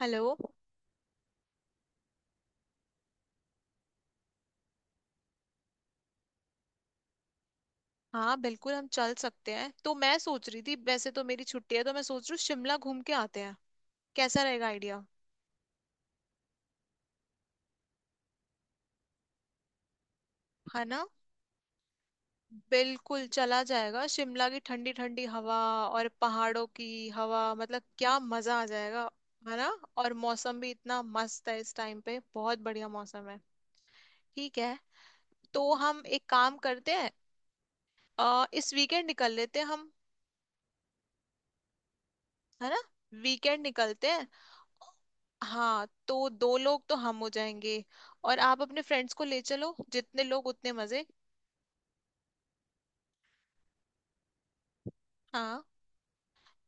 Hello. हाँ बिल्कुल हम चल सकते हैं। तो मैं सोच रही थी, वैसे तो मेरी छुट्टी है, तो मैं सोच रही हूँ शिमला घूम के आते हैं। कैसा रहेगा आइडिया। है ना। बिल्कुल चला जाएगा। शिमला की ठंडी ठंडी हवा और पहाड़ों की हवा, मतलब क्या मजा आ जाएगा। है ना। और मौसम भी इतना मस्त है, इस टाइम पे बहुत बढ़िया मौसम है। ठीक है। तो हम एक काम करते हैं। इस वीकेंड निकल लेते हैं हम। है ना। वीकेंड निकलते हैं। हाँ, तो दो लोग तो हम हो जाएंगे। और आप अपने फ्रेंड्स को ले चलो, जितने लोग उतने मजे। हाँ।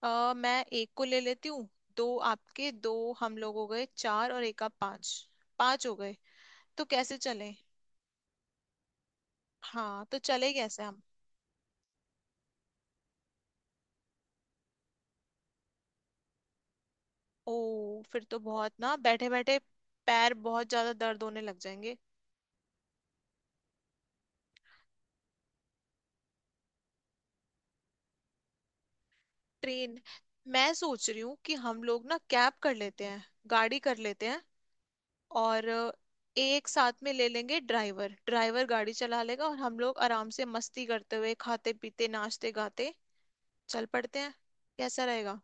मैं एक को ले लेती हूँ। दो आपके, दो हम, लोग हो गए चार और एक आप, पांच। पांच हो गए। तो कैसे चले। हाँ तो चले कैसे हम। ओ फिर तो बहुत ना बैठे बैठे पैर बहुत ज्यादा दर्द होने लग जाएंगे। ट्रेन। मैं सोच रही हूँ कि हम लोग ना कैब कर लेते हैं, गाड़ी कर लेते हैं। और एक साथ में ले लेंगे। ड्राइवर ड्राइवर गाड़ी चला लेगा और हम लोग आराम से मस्ती करते हुए खाते पीते नाचते गाते चल पड़ते हैं। कैसा रहेगा।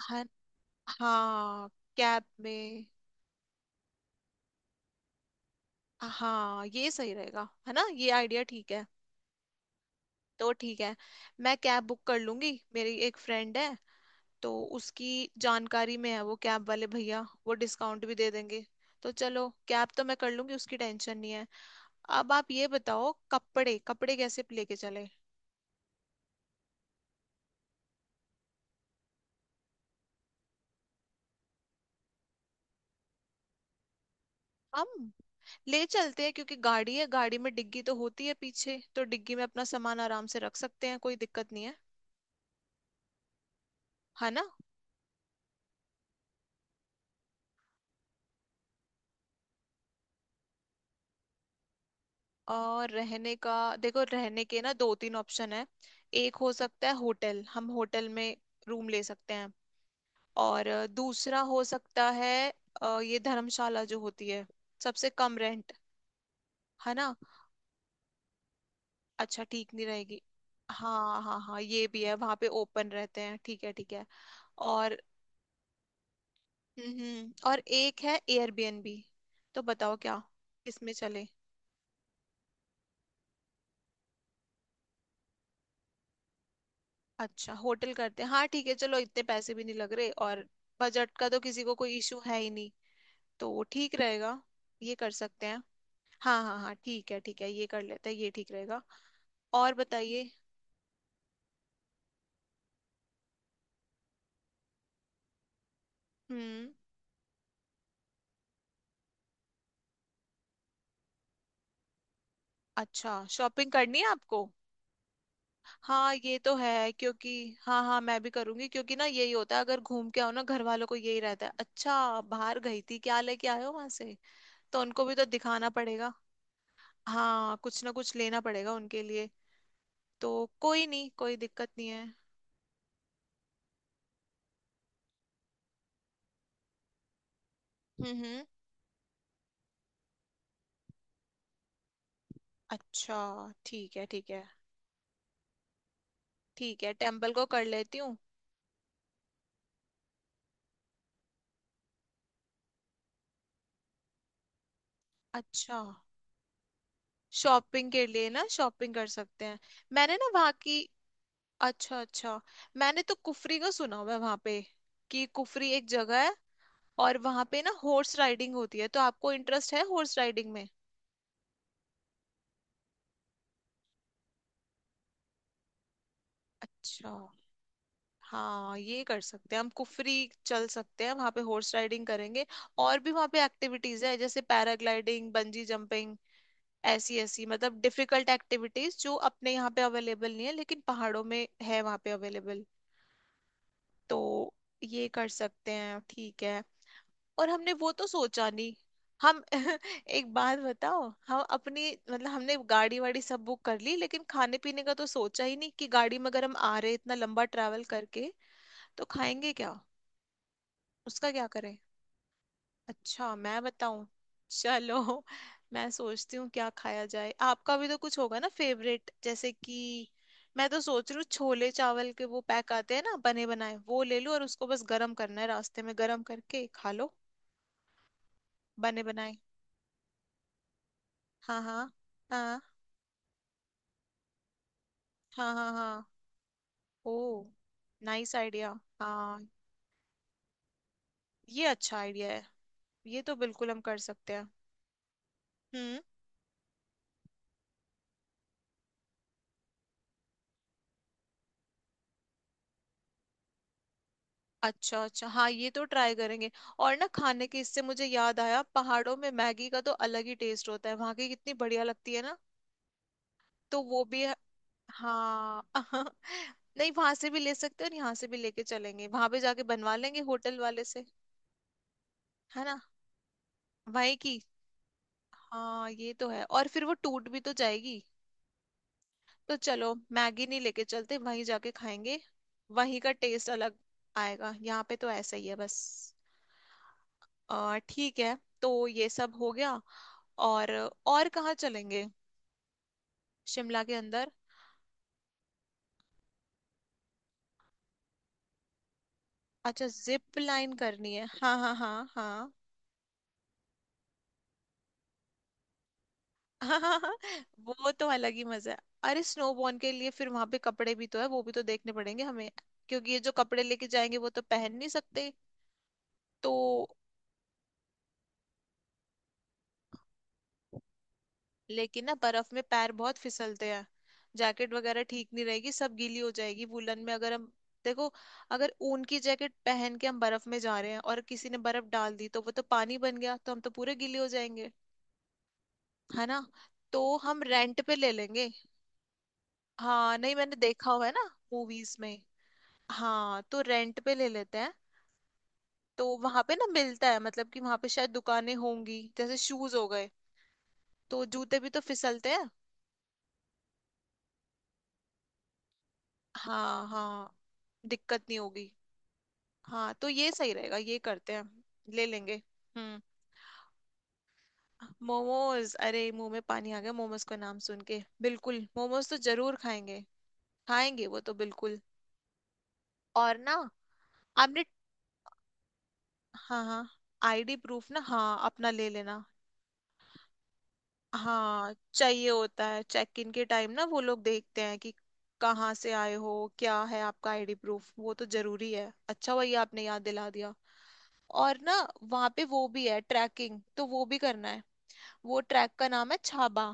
हाँ हाँ। कैब में। हाँ ये सही रहेगा। है ना। ये आइडिया ठीक है। तो ठीक है। मैं कैब बुक कर लूंगी, मेरी एक फ्रेंड है, तो उसकी जानकारी में है वो कैब वाले भैया, वो डिस्काउंट भी दे देंगे। तो चलो कैब तो मैं कर लूंगी, उसकी टेंशन नहीं है। अब आप ये बताओ, कपड़े कपड़े कैसे लेके चले। हम ले चलते हैं क्योंकि गाड़ी है, गाड़ी में डिग्गी तो होती है पीछे, तो डिग्गी में अपना सामान आराम से रख सकते हैं, कोई दिक्कत नहीं है। है ना। और रहने का। देखो रहने के ना दो तीन ऑप्शन है। एक हो सकता है होटल, हम होटल में रूम ले सकते हैं। और दूसरा हो सकता है ये धर्मशाला जो होती है, सबसे कम रेंट। है ना। अच्छा ठीक नहीं रहेगी। हाँ हाँ हाँ ये भी है, वहां पे ओपन रहते हैं। ठीक है ठीक है। और और एक है एयरबीएनबी। तो बताओ क्या, किसमें चले। अच्छा होटल करते हैं। हाँ ठीक है चलो, इतने पैसे भी नहीं लग रहे, और बजट का तो किसी को कोई इशू है ही नहीं। तो वो ठीक रहेगा। ये कर सकते हैं। हाँ हाँ हाँ ठीक है ये कर लेते हैं, ये ठीक रहेगा। और बताइए। हम्म। अच्छा शॉपिंग करनी है आपको। हाँ ये तो है, क्योंकि हाँ हाँ मैं भी करूंगी, क्योंकि ना यही होता है, अगर घूम के आओ ना, घर वालों को यही रहता है, अच्छा बाहर गई थी, क्या लेके आए हो वहां से। तो उनको भी तो दिखाना पड़ेगा। हाँ, कुछ ना कुछ लेना पड़ेगा उनके लिए। तो कोई नहीं, कोई दिक्कत नहीं है। हम्म। अच्छा ठीक है ठीक है। ठीक है टेम्पल को कर लेती हूँ। अच्छा शॉपिंग के लिए ना, शॉपिंग कर सकते हैं। मैंने ना वहाँ की। अच्छा अच्छा। मैंने तो कुफरी का सुना हुआ है वहाँ पे, कि कुफरी एक जगह है। और वहाँ पे ना हॉर्स राइडिंग होती है, तो आपको इंटरेस्ट है हॉर्स राइडिंग में। अच्छा। हाँ ये कर सकते हैं, हम कुफरी चल सकते हैं, वहां पे हॉर्स राइडिंग करेंगे। और भी वहां पे एक्टिविटीज है, जैसे पैराग्लाइडिंग, बंजी जंपिंग, ऐसी ऐसी मतलब डिफिकल्ट एक्टिविटीज जो अपने यहाँ पे अवेलेबल नहीं है लेकिन पहाड़ों में है, वहां पे अवेलेबल। तो ये कर सकते हैं ठीक है। और हमने वो तो सोचा नहीं। हम एक बात बताओ। हम अपनी मतलब हमने गाड़ी वाड़ी सब बुक कर ली, लेकिन खाने पीने का तो सोचा ही नहीं कि गाड़ी में अगर हम आ रहे इतना लंबा ट्रैवल करके, तो खाएंगे उसका क्या करें। अच्छा मैं बताऊं। चलो, मैं सोचती हूँ क्या खाया जाए, आपका भी तो कुछ होगा ना फेवरेट, जैसे कि मैं तो सोच रही हूँ छोले चावल के वो पैक आते हैं ना बने बनाए, वो ले लूं और उसको बस गरम करना है रास्ते में, गरम करके खा लो। बने बनाए। हाँ हाँ हाँ हाँ हाँ हाँ। Oh, nice idea. हाँ ये अच्छा आइडिया है। ये तो बिल्कुल हम कर सकते हैं। हम्म। अच्छा अच्छा हाँ ये तो ट्राई करेंगे। और ना, खाने के इससे मुझे याद आया, पहाड़ों में मैगी का तो अलग ही टेस्ट होता है, वहां की कितनी बढ़िया लगती है ना। तो हाँ नहीं वहां से भी ले सकते हैं और यहाँ से भी लेके चलेंगे, वहां पे जाके बनवा लेंगे होटल वाले से। है ना, वही की। हाँ ये तो है, और फिर वो टूट भी तो जाएगी। तो चलो मैगी नहीं लेके चलते, वहीं जाके खाएंगे, वहीं का टेस्ट अलग आएगा, यहाँ पे तो ऐसा ही है बस। ठीक है। तो ये सब हो गया। और और कहाँ चलेंगे शिमला के अंदर। अच्छा जिप लाइन करनी है, हाँ हाँ हाँ हाँ। हाँ हाँ हाँ, वो तो अलग ही मजा है। अरे स्नोबॉर्न के लिए फिर वहां पे कपड़े भी तो है, वो भी तो देखने पड़ेंगे हमें, क्योंकि ये जो कपड़े लेके जाएंगे वो तो पहन नहीं सकते। तो लेकिन ना बर्फ में पैर बहुत फिसलते हैं, जैकेट वगैरह ठीक नहीं रहेगी, सब गीली हो जाएगी वुलन में, अगर हम। देखो, अगर ऊन की जैकेट पहन के हम बर्फ में जा रहे हैं और किसी ने बर्फ डाल दी, तो वो तो पानी बन गया, तो हम तो पूरे गीले हो जाएंगे। है ना। तो हम रेंट पे ले लेंगे। हाँ नहीं मैंने देखा हुआ है ना, मूवीज में। हाँ तो रेंट पे ले लेते हैं। तो वहां पे ना मिलता है, मतलब कि वहां पे शायद दुकानें होंगी, जैसे शूज हो गए, तो जूते भी तो फिसलते हैं। हाँ हाँ, दिक्कत नहीं होगी। हाँ तो ये सही रहेगा ये करते हैं। ले लेंगे। हम्म। मोमोज, अरे मुंह में पानी आ गया, मोमोज का नाम सुन के, बिल्कुल मोमोज तो जरूर खाएंगे। खाएंगे वो तो बिल्कुल। और ना। आपने, हाँ हाँ आईडी प्रूफ ना, हाँ अपना ले लेना। हाँ चाहिए होता है चेक इन के टाइम ना, वो लोग देखते हैं कि कहाँ से आए हो, क्या है आपका आईडी प्रूफ, वो तो जरूरी है। अच्छा हुआ ये आपने याद दिला दिया। और ना, वहाँ पे वो भी है ट्रैकिंग, तो वो भी करना है। वो ट्रैक का नाम है छाबा।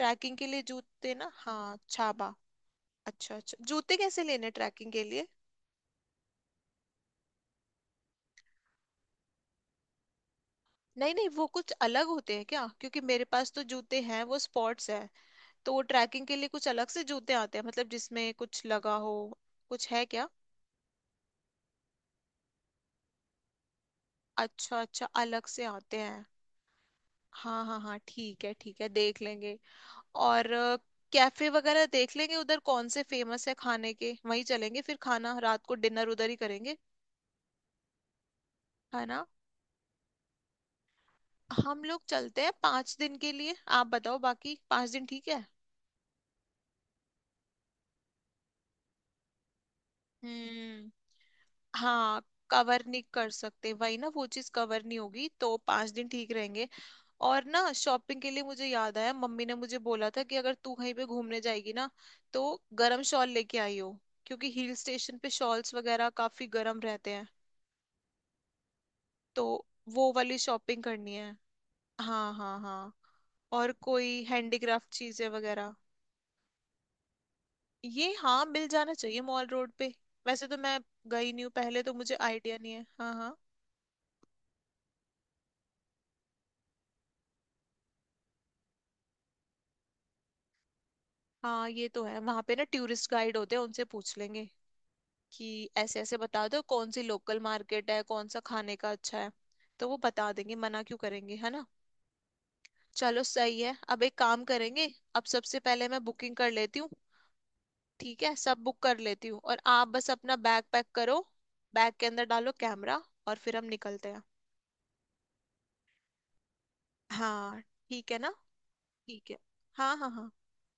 ट्रैकिंग के लिए जूते ना, हाँ छाबा। अच्छा अच्छा। जूते कैसे लेने ट्रैकिंग के लिए। नहीं नहीं, वो कुछ अलग होते हैं क्या, क्योंकि मेरे पास तो जूते हैं वो स्पॉट्स है। तो ट्रैकिंग के लिए कुछ अलग से जूते आते हैं, मतलब जिसमें कुछ लगा हो। कुछ है क्या। अच्छा अच्छा, अलग से आते हैं। हाँ हाँ हाँ ठीक है देख लेंगे। और कैफे वगैरह देख लेंगे उधर कौन से फेमस है खाने के, वहीं चलेंगे फिर, खाना रात को डिनर उधर ही करेंगे। है ना। हम लोग चलते हैं 5 दिन के लिए, आप बताओ, बाकी 5 दिन ठीक है। हम्म। हाँ, कवर नहीं कर सकते वही ना, वो चीज कवर नहीं होगी, तो 5 दिन ठीक रहेंगे। और ना, शॉपिंग के लिए मुझे याद आया, मम्मी ने मुझे बोला था कि अगर तू कहीं पे घूमने जाएगी ना, तो गरम शॉल लेके आई हो, क्योंकि हिल स्टेशन पे शॉल्स वगैरह काफी गरम रहते हैं। तो वो वाली शॉपिंग करनी है। हाँ हाँ हाँ। और कोई हैंडीक्राफ्ट चीजें वगैरह। ये हाँ मिल जाना चाहिए मॉल रोड पे। वैसे तो मैं गई नहीं हूँ पहले, तो मुझे आइडिया नहीं है। हाँ हाँ। हाँ ये तो है, वहां पे ना टूरिस्ट गाइड होते हैं, उनसे पूछ लेंगे कि ऐसे ऐसे बता दो कौन सी लोकल मार्केट है, कौन सा खाने का अच्छा है। तो वो बता देंगे, मना क्यों करेंगे। है ना। चलो सही है। अब एक काम करेंगे। अब सबसे पहले मैं बुकिंग कर लेती हूँ। ठीक है सब बुक कर लेती हूँ, और आप बस अपना बैग पैक करो। बैग के अंदर डालो कैमरा, और फिर हम निकलते हैं। हाँ। ठीक है ना। ठीक है। हाँ हाँ हाँ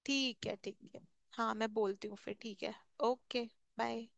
ठीक है ठीक है। हाँ मैं बोलती हूँ फिर। ठीक है। ओके। बाय।